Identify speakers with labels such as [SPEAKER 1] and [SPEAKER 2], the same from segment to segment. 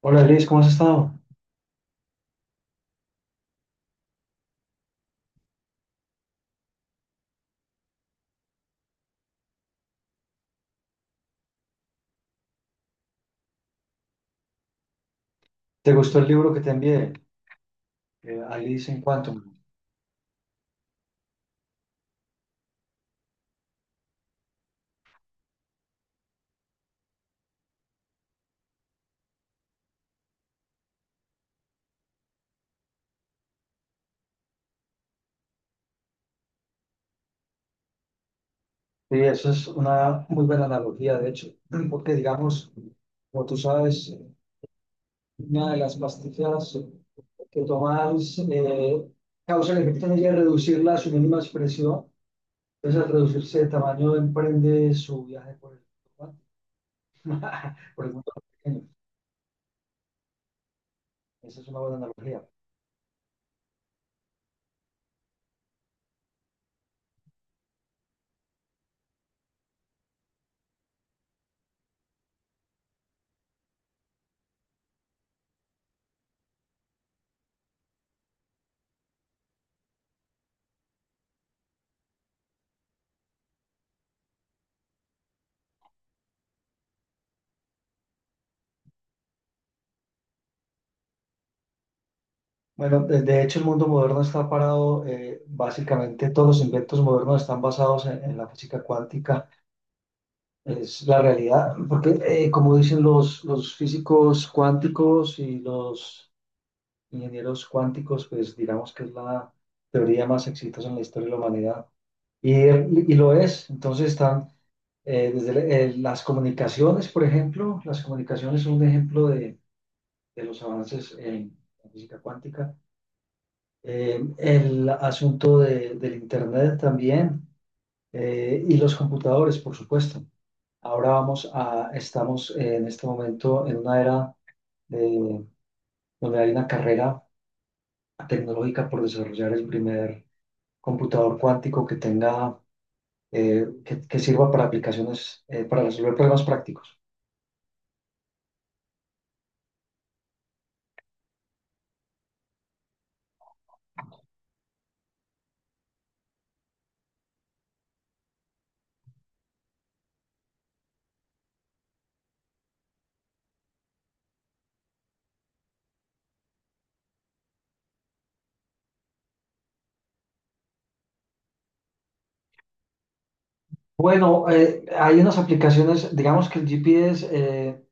[SPEAKER 1] Hola Liz, ¿cómo has estado? ¿Te gustó el libro que te envié? Alice en Quantum. Sí, eso es una muy buena analogía, de hecho, porque digamos, como tú sabes, una de las pastillas que tomas causa el efecto en ella de reducirla a su mínima expresión. Entonces, al reducirse de tamaño, emprende su viaje por por el mundo pequeño. Esa es una buena analogía. Bueno, de hecho el mundo moderno está parado, básicamente todos los inventos modernos están basados en la física cuántica, es la realidad, porque como dicen los físicos cuánticos y los ingenieros cuánticos, pues digamos que es la teoría más exitosa en la historia de la humanidad, y, y lo es, entonces están desde las comunicaciones, por ejemplo, las comunicaciones son un ejemplo de los avances en la física cuántica. El asunto del Internet también, y los computadores, por supuesto. Ahora estamos en este momento en una era de- donde hay una carrera tecnológica por desarrollar el primer computador cuántico que tenga, que sirva para aplicaciones, para resolver problemas prácticos. Bueno, hay unas aplicaciones, digamos que el GPS... eh,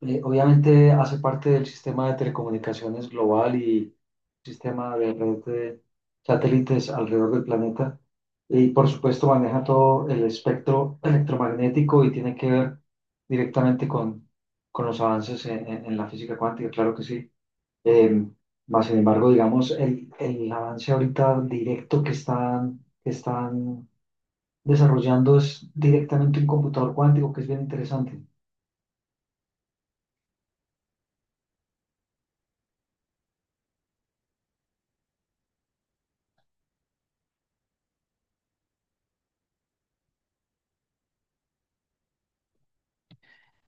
[SPEAKER 1] Obviamente hace parte del sistema de telecomunicaciones global y sistema de red de satélites alrededor del planeta. Y por supuesto maneja todo el espectro electromagnético y tiene que ver directamente con los avances en la física cuántica, claro que sí. Eh, más sin embargo, digamos, el avance ahorita directo que están desarrollando es directamente un computador cuántico, que es bien interesante.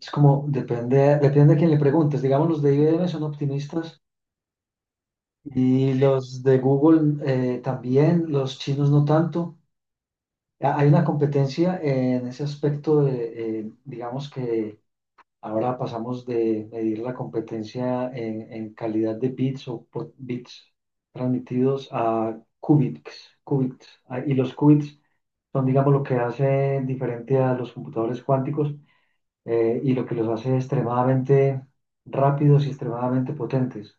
[SPEAKER 1] Es como, depende, depende a quién le preguntes. Digamos, los de IBM son optimistas y los de Google también, los chinos no tanto. Hay una competencia en ese aspecto de, digamos que ahora pasamos de medir la competencia en calidad de bits o bits transmitidos a qubits. Ah, y los qubits son, digamos, lo que hace diferente a los computadores cuánticos, y lo que los hace extremadamente rápidos y extremadamente potentes.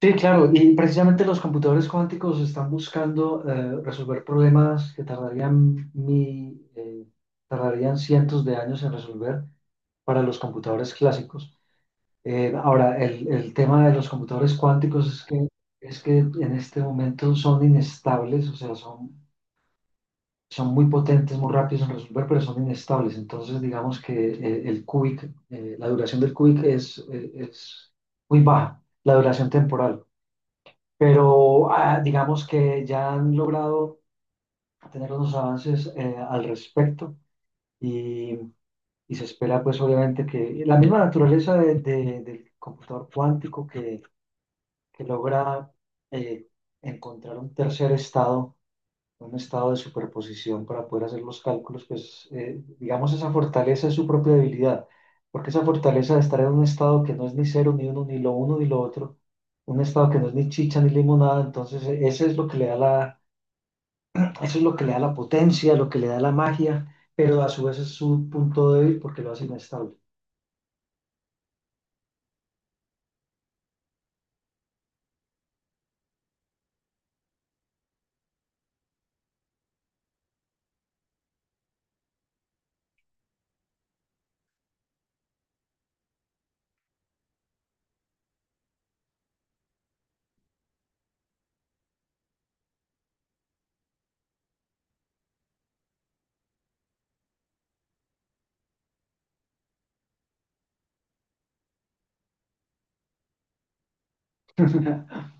[SPEAKER 1] Sí, claro, y precisamente los computadores cuánticos están buscando resolver problemas que tardarían, tardarían cientos de años en resolver para los computadores clásicos. Ahora, el tema de los computadores cuánticos es que en este momento son inestables, o sea, son son muy potentes, muy rápidos en resolver, pero son inestables. Entonces, digamos que el cubic, la duración del cubic es muy baja, la duración temporal. Pero ah, digamos que ya han logrado tener unos avances al respecto, y, y se espera, pues, obviamente que la misma naturaleza del computador cuántico que logra eh, encontrar un tercer estado, un estado de superposición para poder hacer los cálculos, pues digamos esa fortaleza es su propia debilidad, porque esa fortaleza de estar en un estado que no es ni cero, ni uno, ni lo uno, ni lo otro, un estado que no es ni chicha, ni limonada, entonces ese es lo que le da la, eso es lo que le da la potencia, lo que le da la magia, pero a su vez es su punto débil porque lo hace inestable.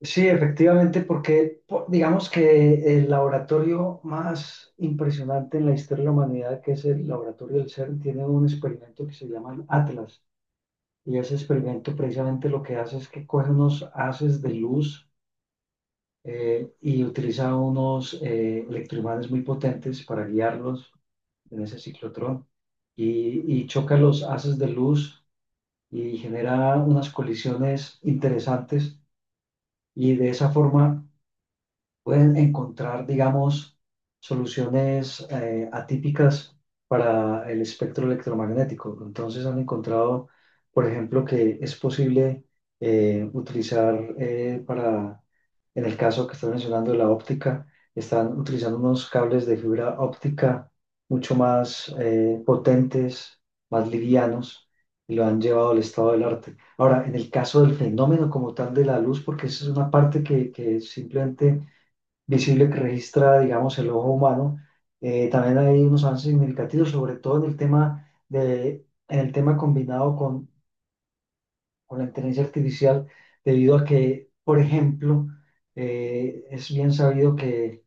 [SPEAKER 1] Sí, efectivamente, porque digamos que el laboratorio más impresionante en la historia de la humanidad, que es el laboratorio del CERN, tiene un experimento que se llama el Atlas. Y ese experimento precisamente lo que hace es que coge unos haces de luz, y utiliza unos electroimanes muy potentes para guiarlos en ese ciclotrón. Y choca los haces de luz y genera unas colisiones interesantes. Y de esa forma pueden encontrar, digamos, soluciones atípicas para el espectro electromagnético. Entonces han encontrado, por ejemplo, que es posible utilizar, en el caso que estoy mencionando de la óptica, están utilizando unos cables de fibra óptica mucho más potentes, más livianos, y lo han llevado al estado del arte. Ahora, en el caso del fenómeno como tal de la luz, porque esa es una parte que simplemente visible que registra, digamos, el ojo humano. También hay unos avances significativos, sobre todo en el tema de, en el tema combinado con la inteligencia artificial, debido a que, por ejemplo, es bien sabido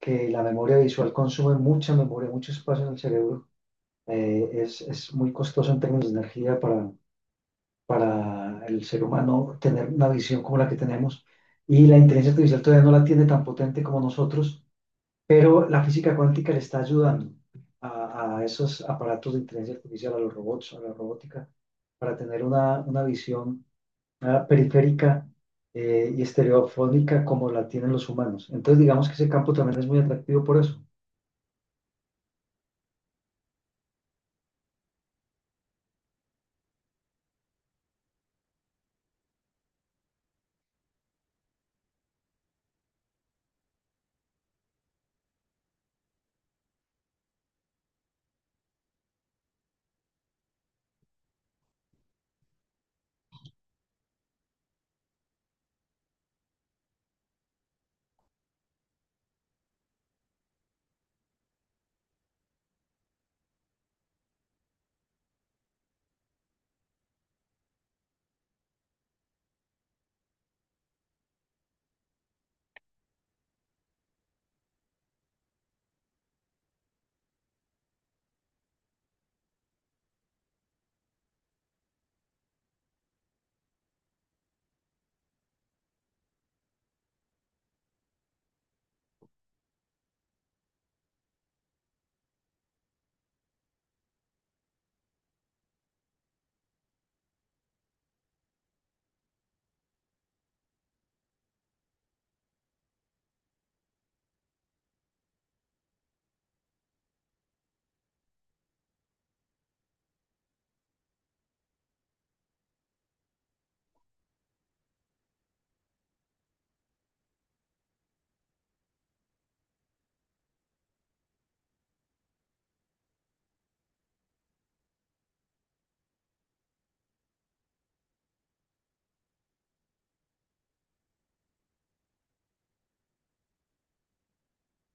[SPEAKER 1] que la memoria visual consume mucha memoria, mucho espacio en el cerebro. Es muy costoso en términos de energía para el ser humano tener una visión como la que tenemos. Y la inteligencia artificial todavía no la tiene tan potente como nosotros. Pero la física cuántica le está ayudando a esos aparatos de inteligencia artificial, a los robots, a la robótica, para tener una visión ah, periférica, y estereofónica como la tienen los humanos. Entonces, digamos que ese campo también es muy atractivo por eso.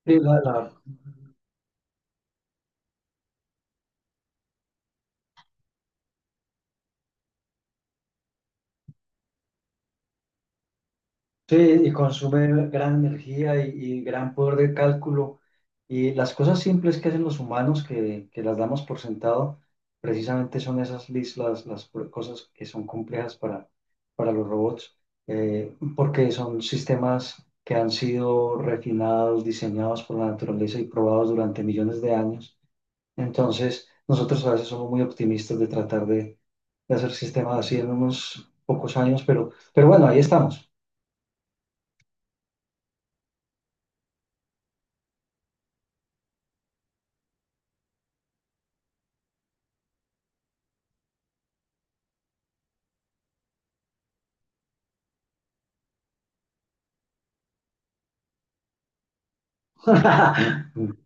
[SPEAKER 1] Sí, sí, y consume gran energía y gran poder de cálculo. Y las cosas simples que hacen los humanos, que las damos por sentado, precisamente son esas cosas que son complejas para los robots, porque son sistemas que han sido refinados, diseñados por la naturaleza y probados durante millones de años. Entonces, nosotros a veces somos muy optimistas de tratar de hacer sistemas así en unos pocos años, pero bueno, ahí estamos.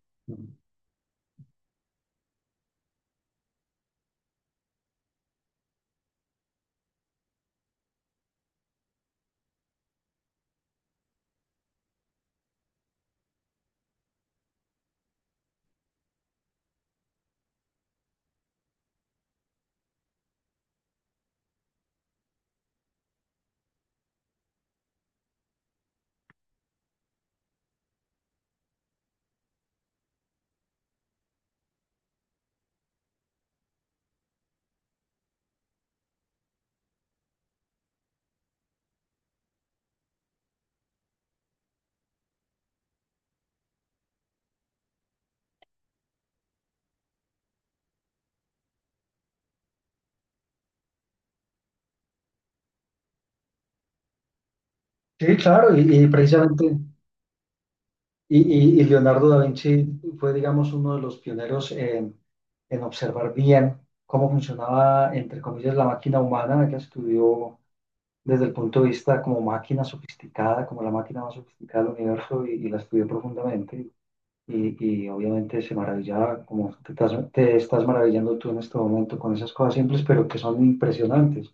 [SPEAKER 1] Sí, claro, y precisamente, y Leonardo da Vinci fue, digamos, uno de los pioneros en observar bien cómo funcionaba, entre comillas, la máquina humana, que estudió desde el punto de vista como máquina sofisticada, como la máquina más sofisticada del universo, y la estudió profundamente. Y obviamente se maravillaba, te estás maravillando tú en este momento con esas cosas simples, pero que son impresionantes.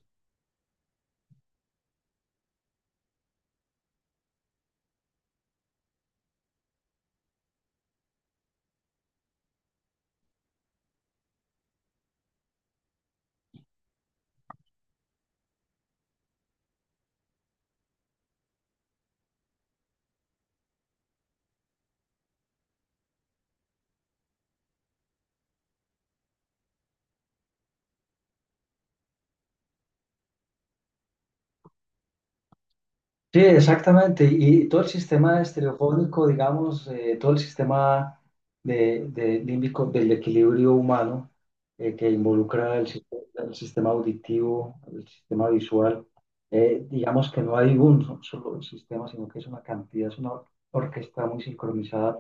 [SPEAKER 1] Sí, exactamente. Y todo el sistema estereofónico, digamos, todo el sistema de límbico del equilibrio humano, que involucra el sistema auditivo, el sistema visual, digamos que no hay un solo sistema, sino que es una cantidad, es una orquesta muy sincronizada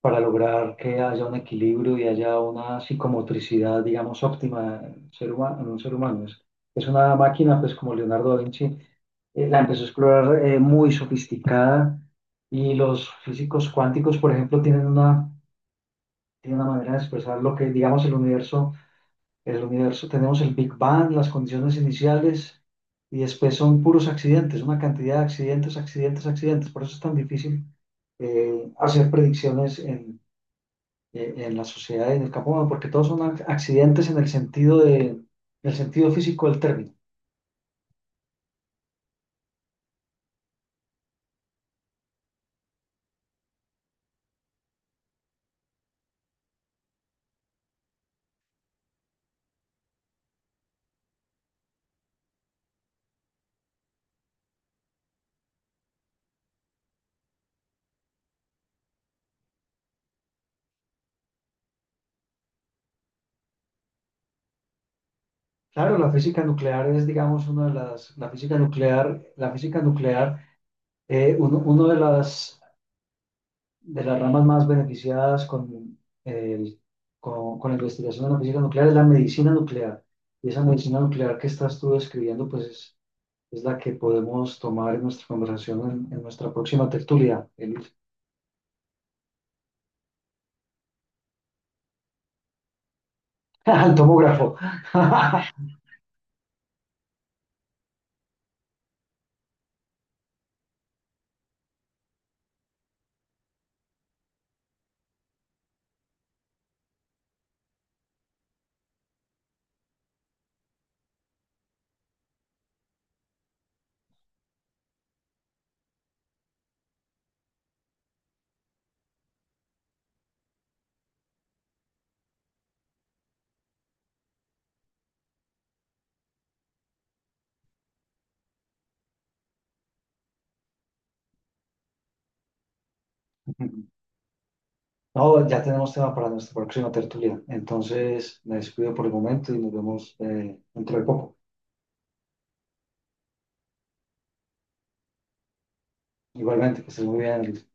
[SPEAKER 1] para lograr que haya un equilibrio y haya una psicomotricidad, digamos, óptima en un ser humano. En un ser humano. Es una máquina, pues como Leonardo da Vinci, la empezó a explorar muy sofisticada, y los físicos cuánticos, por ejemplo, tienen tienen una manera de expresar lo que, digamos, el universo, tenemos el Big Bang, las condiciones iniciales. Y después son puros accidentes, una cantidad de accidentes, accidentes, accidentes. Por eso es tan difícil hacer predicciones en la sociedad y en el campo humano, porque todos son accidentes en el sentido en el sentido físico del término. Claro, la física nuclear es, digamos, la física nuclear, uno de las ramas más beneficiadas con, el- con la investigación de la física nuclear es la medicina nuclear. Y esa medicina nuclear que estás tú describiendo, pues es la que podemos tomar en nuestra conversación en nuestra próxima tertulia, el, el tomógrafo. No, ya tenemos tema para nuestra próxima tertulia. Entonces, me despido por el momento y nos vemos dentro de poco. Igualmente, que estés muy bien.